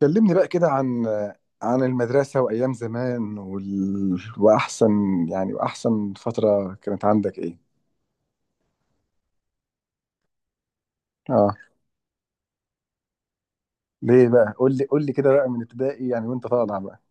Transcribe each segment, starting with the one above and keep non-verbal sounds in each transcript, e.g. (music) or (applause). كلمني بقى كده عن المدرسة وأيام زمان، وأحسن فترة كانت عندك إيه؟ آه. ليه بقى؟ قول لي كده بقى من ابتدائي، يعني وأنت طالع بقى.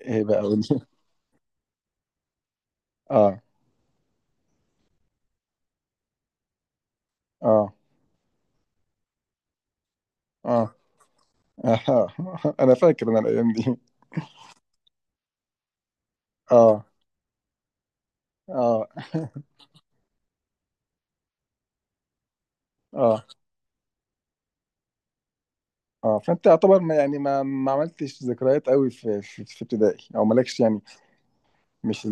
إيه بقى قول لي. (laughs) آه آه آه آه. (laughs) أنا فاكر الأيام دي. آه آه. (laughs) آه آه. فأنت يعتبر، ما يعني ما عملتش ذكريات قوي في ابتدائي، أو مالكش يعني. مش.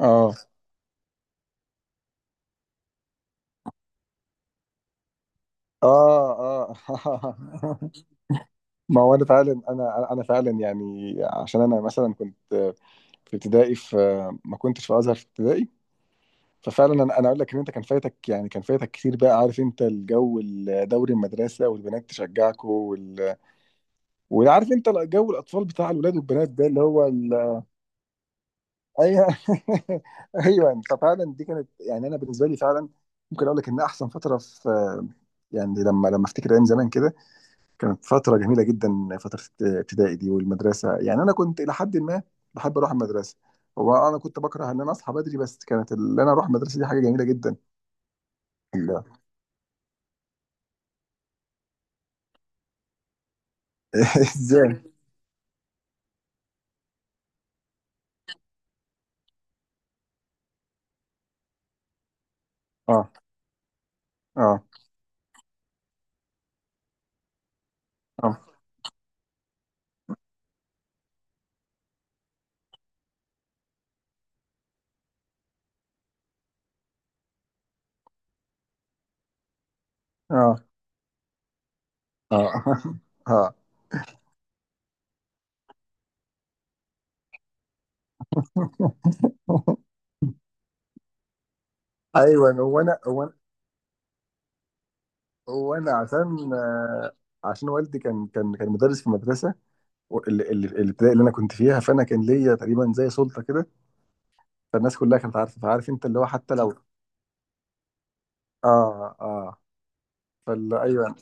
آه آه آه. (laughs) ما هو انا فعلا انا فعلا يعني، عشان انا مثلا كنت في ابتدائي في ما كنتش في ازهر في ابتدائي. ففعلا انا اقول لك ان انت كان فايتك يعني كان فايتك كتير بقى. عارف انت الجو، دوري المدرسه والبنات تشجعكوا وعارف انت جو الاطفال بتاع الولاد والبنات، ده اللي هو ايوه. (laughs) ايوه. ففعلا دي كانت، يعني انا بالنسبه لي، فعلا ممكن اقول لك ان احسن فتره في، يعني لما افتكر ايام زمان كده، كانت فترة جميلة جدا، فترة ابتدائي دي والمدرسة. يعني أنا كنت إلى حد ما بحب أروح المدرسة. هو أنا كنت بكره إن أنا أصحى بدري، بس كانت اللي أنا أروح المدرسة دي حاجة جميلة جدا. لا. (laughs) إزاي؟ آه آه آه آه آه. (laughs) آه. أيوه. هو أنا عشان عشان والدي كان مدرس في المدرسة، الابتدائي اللي أنا كنت فيها، فأنا كان ليا تقريبا زي سلطة كده. فالناس كلها كانت عارفة، فعارف أنت اللي هو، حتى لو آه. آه. فلا ايوه،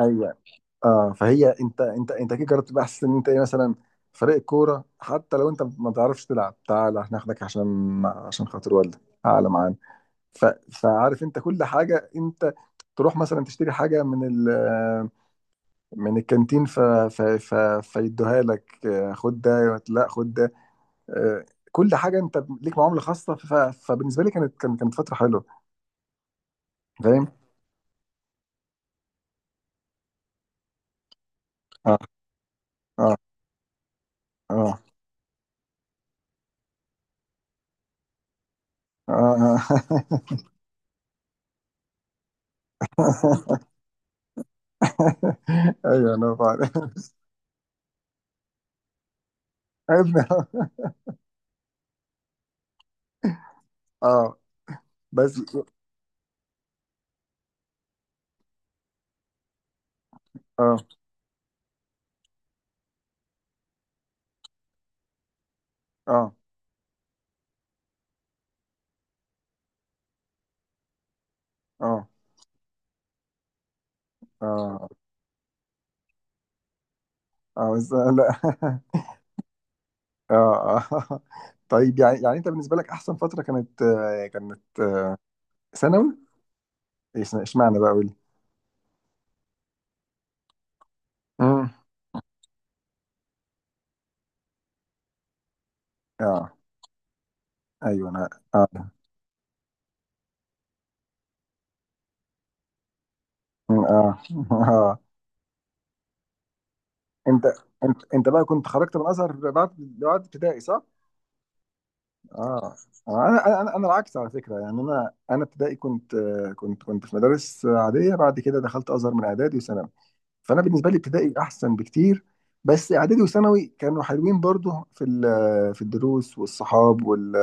ايوه. اه فهي انت، انت كده جربت تبقى احسن، ان انت ايه، مثلا فريق الكوره حتى لو انت ما تعرفش تلعب تعال هناخدك، عشان خاطر والدك تعالى معانا. ف... فعارف انت كل حاجه، انت تروح مثلا تشتري حاجه من من الكانتين، فيدوها لك، خد ده، لا خد ده، آه، كل حاجه انت ليك معامله خاصه، فبالنسبه لي كانت فتره حلوه. فاهم. اه اه اه اه. (laughs) (laughs) ايوه انا فعلا. (laughs) ابني. اه بس. اه اه اه اه اه بس. لا. (laughs) اه آه. طيب يعني، انت بالنسبه لك احسن فتره كانت، كانت آه. ثانوي. اشمعنى بقى قول لي. امم. اه ايوه انا. اه مم، اه. (laughs) اه. انت انت بقى كنت خرجت من الازهر بعد ابتدائي صح؟ اه. انا العكس على فكره، يعني انا ابتدائي كنت، كنت في مدارس عاديه، بعد كده دخلت ازهر من اعدادي وثانوي، فانا بالنسبه لي ابتدائي احسن بكتير. بس اعدادي وثانوي كانوا حلوين برضو، في الدروس والصحاب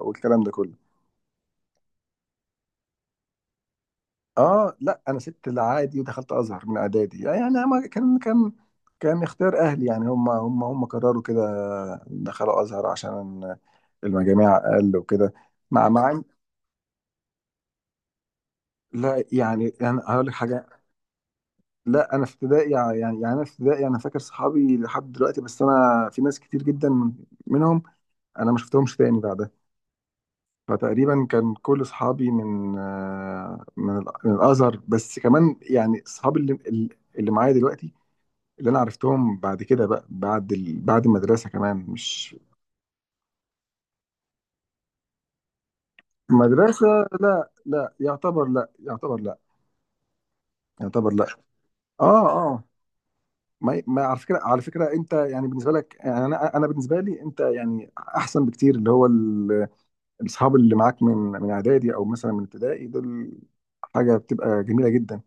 والكلام ده كله. اه لا انا سبت العادي ودخلت ازهر من اعدادي، يعني ما كان اختيار اهلي، يعني هم قرروا كده، دخلوا ازهر عشان المجاميع اقل وكده. مع مع إن- لا يعني انا هقول لك حاجه. لا انا في ابتدائي، يعني انا في ابتدائي انا فاكر صحابي لحد دلوقتي، بس انا في ناس كتير جدا منهم انا ما شفتهمش تاني بعدها. فتقريبا كان كل صحابي من آه، من ال- من الازهر، بس كمان يعني صحابي اللي معايا دلوقتي، اللي انا عرفتهم بعد كده بقى، بعد بعد المدرسه كمان. مش مدرسه. لا لا، يعتبر لا، يعتبر لا، يعتبر لا. اه آه. ما على فكره، على فكره انت يعني بالنسبه لك، يعني انا بالنسبه لي، انت يعني احسن بكتير، اللي هو الاصحاب اللي معاك من اعدادي او مثلا من ابتدائي دول، حاجه بتبقى جميله جدا،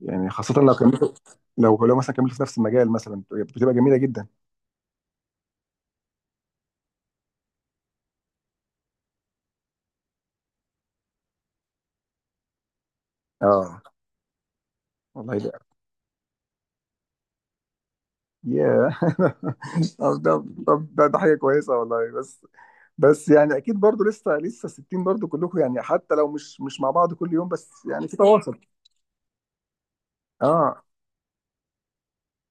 يعني خاصه لو كملتوا، لو لو مثلا كملتوا في نفس المجال مثلا بتبقى جميله جدا. اه والله ده، ياه. (laughs) طب ده، ده حاجه كويسه والله، بس بس يعني اكيد برضو لسه 60 برضو كلكم، يعني حتى لو مش مع بعض كل يوم بس يعني في تواصل. اه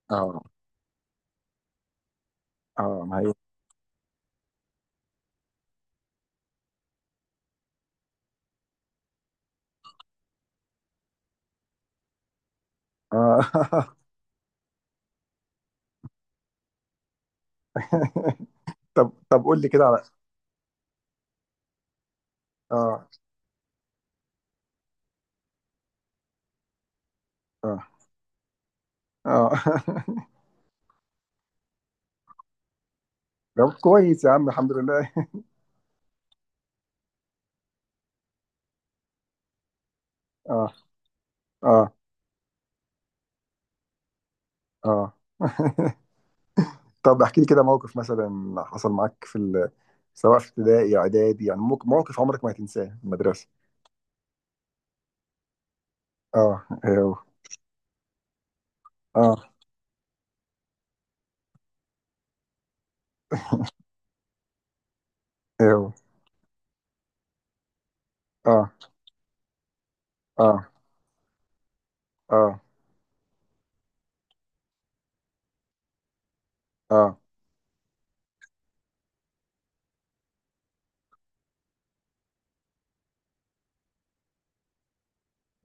اه اه ما هي. اه. (laughs) (laughs) طب قول لي كده على. اه اه اه. (laughs) جاوبت كويس يا عم الحمد لله. اه اه اه. (laughs) طب احكي لي كده موقف مثلا حصل معاك في سواء في ابتدائي اعدادي، يعني موقف عمرك ما هتنساه في المدرسه. اه ايوه. اه ايوه. اه اه اه اه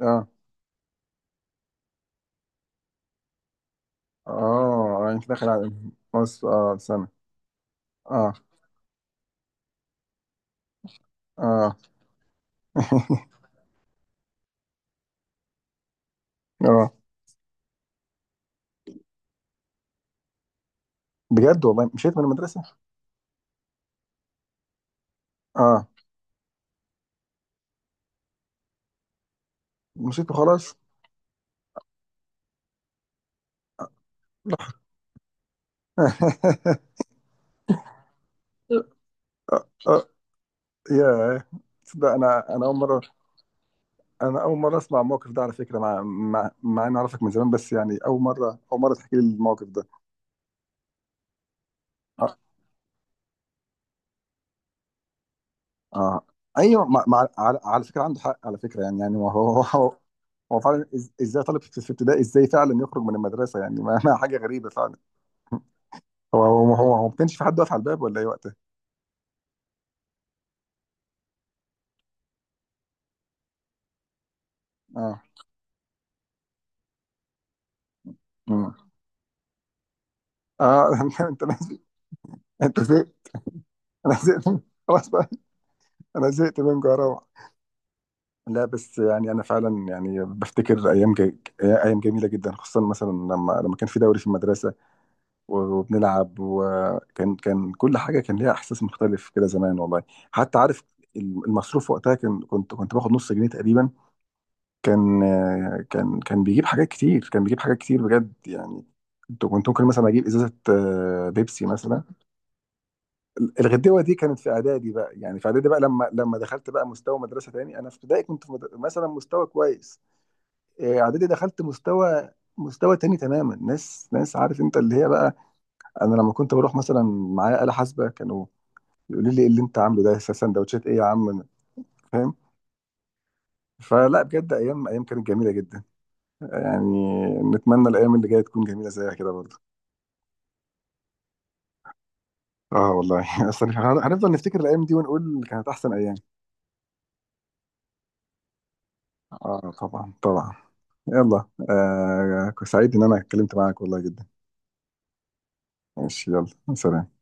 اه اه. انت داخل على مصر، اه سنه. اه اه. (laughs) اه. بجد والله مشيت من المدرسه؟ اه مشيت وخلاص. (laughs) أه أه. يا تصدق، انا اول مره اسمع الموقف ده على فكره، مع اني اعرفك من زمان، بس يعني اول مره، تحكي لي الموقف ده. اه، آه. ايوه، مع مع على فكره عنده حق، على فكره يعني، هو هو هو فعلا، ازاي طالب في ابتدائي ازاي فعلا يخرج من المدرسه، يعني ما حاجه غريبه فعلا. هو ما كانش في حد واقف على الباب ولا ايه وقتها. اه مم. اه. (laughs) انت انت زهقت. انا زهقت. خلاص بقى. انا زهقت من جرام. لا بس يعني انا فعلا يعني بفتكر ايام جميله جدا، خصوصا مثلا لما كان في دوري في المدرسه، وبنلعب، وكان كل حاجه كان ليها احساس مختلف كده زمان والله. حتى عارف المصروف وقتها، كان كنت كنت باخد نص جنيه تقريبا، كان كان بيجيب حاجات كتير، كان بيجيب حاجات كتير بجد يعني. كنت ممكن مثلا اجيب ازازه، بيبسي مثلا. الغدوه دي كانت في اعدادي بقى، يعني في اعدادي بقى لما دخلت بقى مستوى مدرسه تاني. انا في ابتدائي كنت مثلا مستوى كويس، اعدادي دخلت مستوى، تاني تماما، ناس، عارف انت اللي هي بقى، انا لما كنت بروح مثلا معايا آلة حاسبة، كانوا يقولوا لي ايه اللي انت عامله ده، سندوتشات ايه يا عم؟ فاهم. فلا بجد ايام، ايام كانت جميلة جدا يعني. نتمنى الايام اللي جاية تكون جميلة زيها كده برضه. اه والله. (laughs) اصل هنفضل نفتكر الايام دي ونقول كانت احسن ايام. اه طبعا طبعا. يلا، سعيد ان انا اتكلمت معاك والله جدا. ماشي يلا سلام.